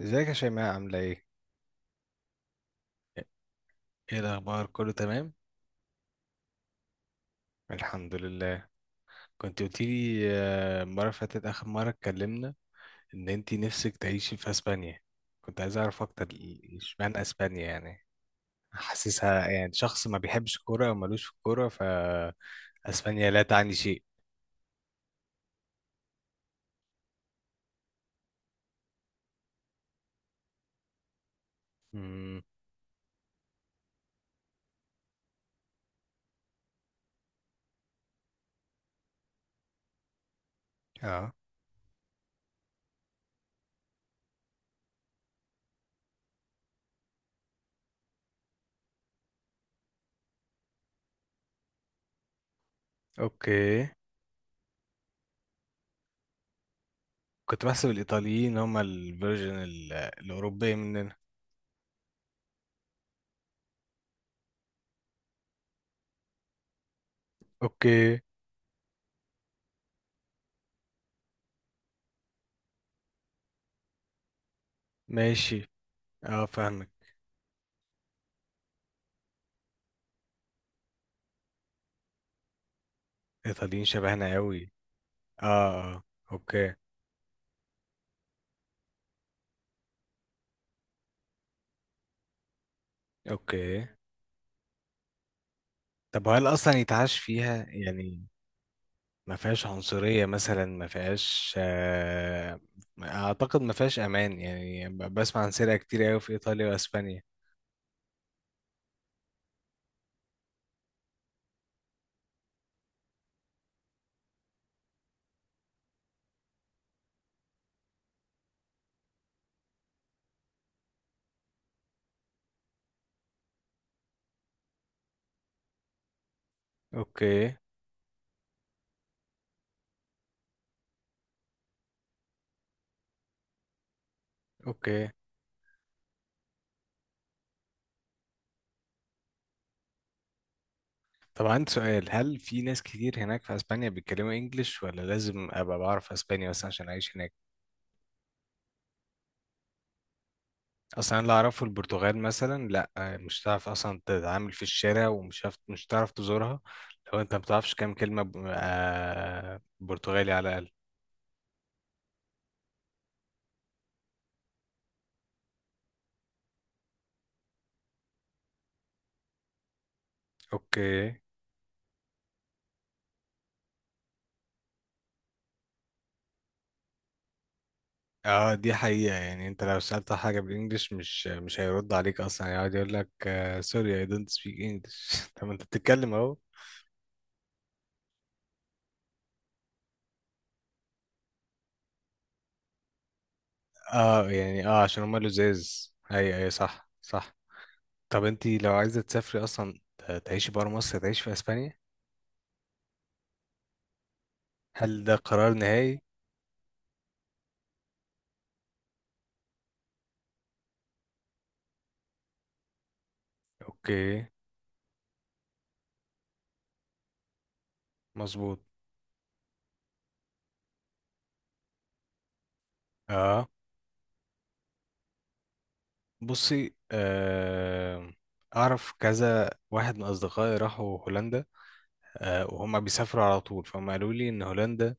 ازيك يا شيماء عاملة ايه؟ ايه الاخبار، كله تمام؟ الحمد لله. كنت قلت لي المره اللي فاتت اخر مره اتكلمنا ان انتي نفسك تعيشي في اسبانيا. كنت عايز اعرف اكتر اشمعنى اسبانيا يعني؟ حاسسها يعني شخص ما بيحبش الكوره او ملوش في الكوره، ف اسبانيا لا تعني شيء. مم. اه. اوكي. كنت بحسب الايطاليين هم الفيرجن الاوروبيه مننا. اوكي. ماشي. اه، فاهمك. الايطاليين شبهنا قوي. اه اه. اوكي. اوكي. طب هل اصلا يتعاش فيها يعني؟ ما فيهاش عنصرية مثلا؟ ما فيهاش اعتقد ما فيهاش امان يعني، ب- بسمع عن سرقة كتير قوي في ايطاليا واسبانيا. اوكي. اوكي. طب عندي سؤال، هل في ناس كتير هناك في اسبانيا بيتكلموا انجليش، ولا لازم ابقى بعرف اسبانيا بس عشان اعيش هناك؟ اصلا اللي اعرفه البرتغال مثلا، لا مش هتعرف اصلا تتعامل في الشارع، ومش هتعرف تزورها لو انت ما بتعرفش كام كلمه برتغالي على الاقل. اوكي. اه دي حقيقه، يعني انت لو سالت حاجه بالانجلش مش هيرد عليك اصلا، يقعد يقول لك سوري اي دونت سبيك انجلش. طب ما انت بتتكلم اهو. اه يعني اه عشان هما لزاز. ايوه ايوه صح صح. طب انت لو عايزه تسافري اصلا تعيشي بره مصر، تعيشي في اسبانيا؟ هل ده قرار نهائي؟ اوكي. مظبوط. اه. بصي اعرف كذا واحد من اصدقائي راحوا هولندا. آه، وهم بيسافروا على طول، فهم قالوا لي ان هولندا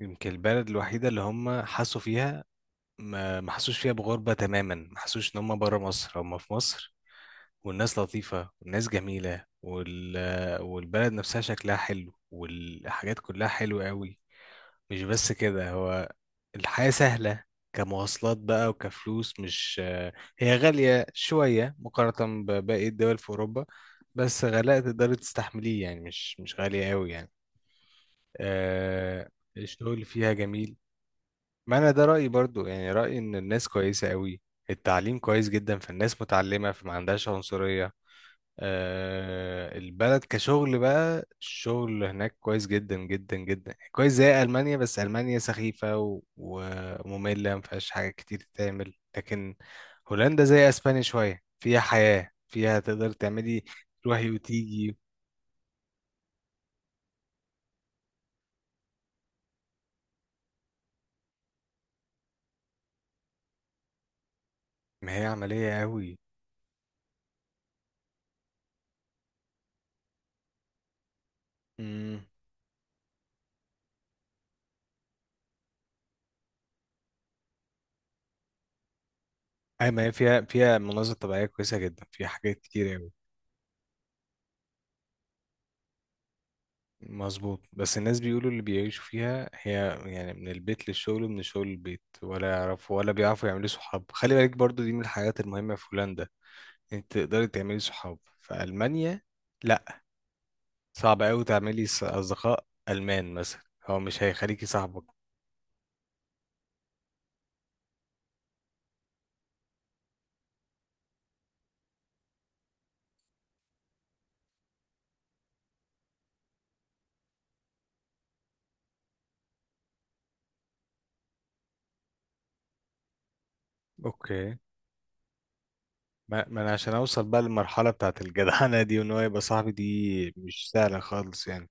يمكن البلد الوحيده اللي هم حسوا فيها، ما حسوش فيها بغربه تماما، ما حسوش ان هم بره مصر، هم في مصر. والناس لطيفه والناس جميله وال... والبلد نفسها شكلها حلو، والحاجات كلها حلوه قوي. مش بس كده، هو الحياة سهلة، كمواصلات بقى وكفلوس. مش، هي غالية شوية مقارنة بباقي الدول في أوروبا، بس غلاء تقدري تستحمليه يعني، مش غالية أوي يعني. آه. الشغل فيها جميل. ما أنا ده رأيي برضو، يعني رأيي إن الناس كويسة أوي. التعليم كويس جدا، فالناس متعلمة، فما عندهاش عنصرية. آه، البلد كشغل بقى، الشغل هناك كويس جدا جدا جدا، كويس زي ألمانيا، بس ألمانيا سخيفة ومملة، ما فيهاش حاجة كتير تتعمل. لكن هولندا زي أسبانيا شوية، فيها حياة، فيها تقدر تعملي، تروحي وتيجي. ما هي عملية قوي. امم. أي ما هي فيها، فيها مناظر طبيعية كويسة جدا، فيها حاجات كتير قوي. مظبوط. بس الناس بيقولوا اللي بيعيشوا فيها هي يعني من البيت للشغل ومن الشغل للبيت، ولا يعرفوا ولا بيعرفوا يعملوا صحاب. خلي بالك برضو دي من الحاجات المهمة، في هولندا انت تقدري تعملي صحاب، في ألمانيا لا. صعب قوي تعملي أصدقاء ألمان مثلا، هو مش هيخليكي صاحبك. اوكي. ما انا عشان اوصل بقى للمرحلة بتاعت الجدعنة دي، وان هو يبقى صاحبي، دي مش سهلة خالص يعني.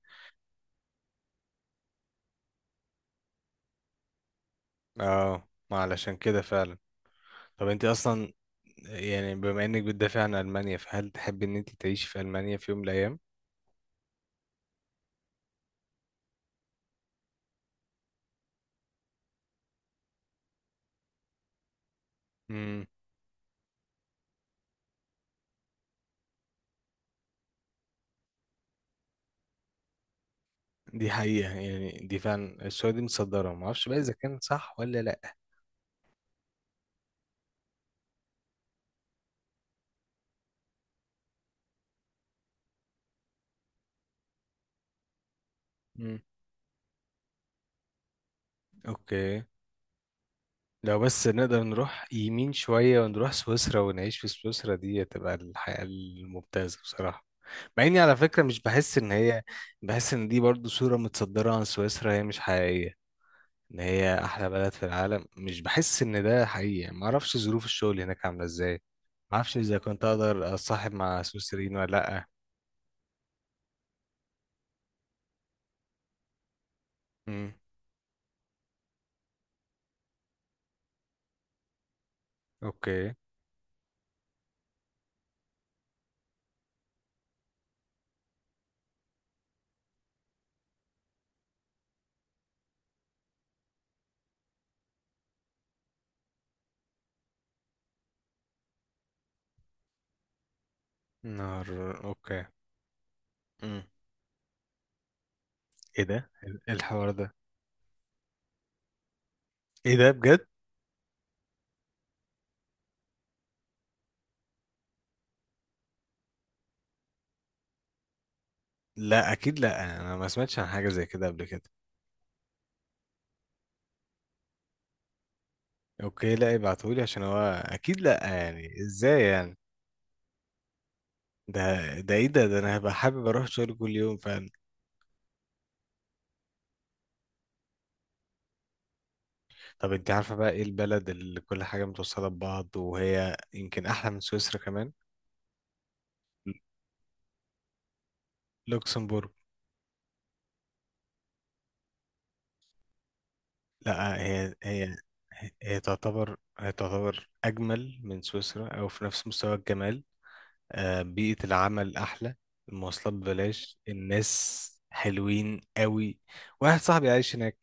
اه، ما علشان كده فعلا. طب انت اصلا يعني، بما انك بتدافع عن المانيا، فهل تحب ان انت تعيشي في المانيا في يوم من الايام؟ امم. دي حقيقة يعني، دي فعلا السعودية دي مصدرة، ما اعرفش بقى اذا كان صح ولا لا. امم. اوكي. لو بس نقدر نروح يمين شوية ونروح سويسرا ونعيش في سويسرا، دي هتبقى الحياة الممتازة بصراحة. مع اني على فكرة مش بحس ان هي، بحس ان دي برضو صورة متصدرة عن سويسرا، هي مش حقيقية ان هي احلى بلد في العالم. مش بحس ان ده حقيقي، ما اعرفش ظروف الشغل هناك عامله ازاي، ما اعرفش اذا كنت اقدر اصاحب مع سويسريين ولا لا. امم. اوكي. نار. اوكي. امم. ايه ده، إيه الحوار ده؟ ايه ده بجد؟ لا اكيد لا، انا ما سمعتش عن حاجه زي كده قبل كده. اوكي. لا ابعتهولي، عشان هو اكيد لا، يعني ازاي يعني؟ ده، ده ايه ده انا هبقى حابب اروح شغل كل يوم فعلا. طب انت عارفه بقى ايه البلد اللي كل حاجه متوصله ببعض وهي يمكن احلى من سويسرا كمان؟ لوكسمبورغ. لا هي، هي تعتبر، هي تعتبر أجمل من سويسرا أو في نفس مستوى الجمال. آه، بيئة العمل أحلى، المواصلات ببلاش، الناس حلوين قوي. واحد صاحبي عايش هناك.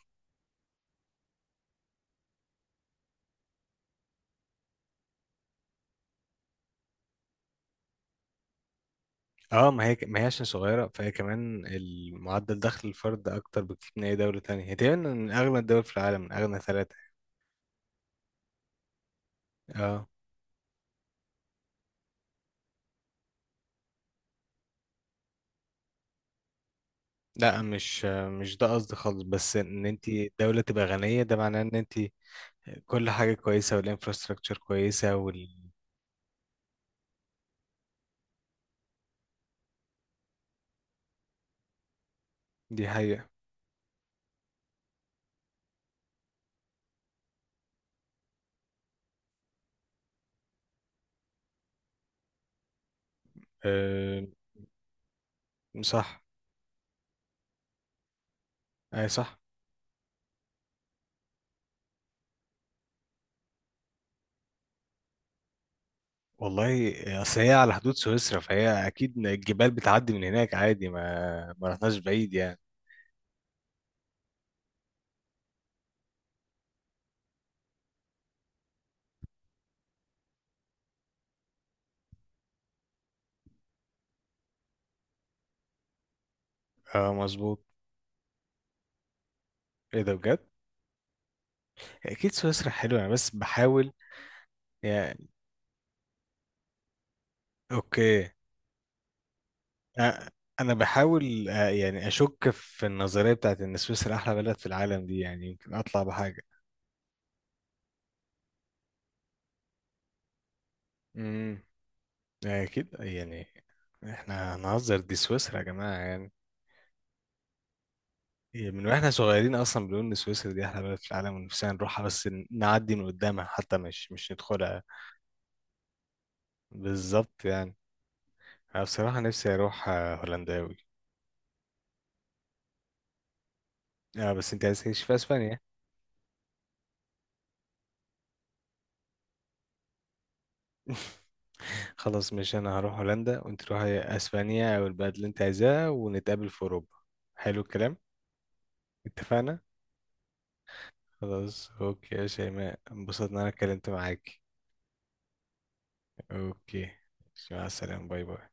اه ما هي عشان صغيرة، فهي كمان المعدل دخل الفرد أكتر بكتير من أي دولة تانية، هي تقريبا من أغنى الدول في العالم، من أغنى ثلاثة. اه لا، مش ده قصدي خالص، بس ان انت دولة تبقى غنية ده معناه ان انت كل حاجة كويسة، والانفراستراكشر كويسة، وال... دي حقيقة. أه... صح. أي صح. والله أصل هي على حدود سويسرا، فهي أكيد الجبال بتعدي من هناك عادي، ما رحناش بعيد يعني. اه مظبوط. ايه ده بجد؟ أكيد سويسرا حلوة، أنا بس بحاول يعني. أوكي. أ- أنا بحاول يعني أشك في النظرية بتاعت إن سويسرا أحلى بلد في العالم دي، يعني يمكن أطلع بحاجة. امم. أكيد يعني. احنا هنهزر، دي سويسرا يا جماعة يعني. إيه، من واحنا صغيرين اصلا بنقول ان سويسرا دي احلى بلد في العالم، ونفسنا نروحها، بس نعدي من قدامها حتى، مش ندخلها. بالظبط يعني. انا بصراحه نفسي اروح هولندا اوي. اه بس انت عايز تعيش في اسبانيا. خلاص، مش انا هروح هولندا وانت تروحي اسبانيا او البلد اللي انت عايزاها، ونتقابل في اوروبا. حلو الكلام. اتفقنا. خلاص اوكي يا شيماء، انبسطت ان انا اتكلمت معاك. اوكي. مع السلامه، باي باي.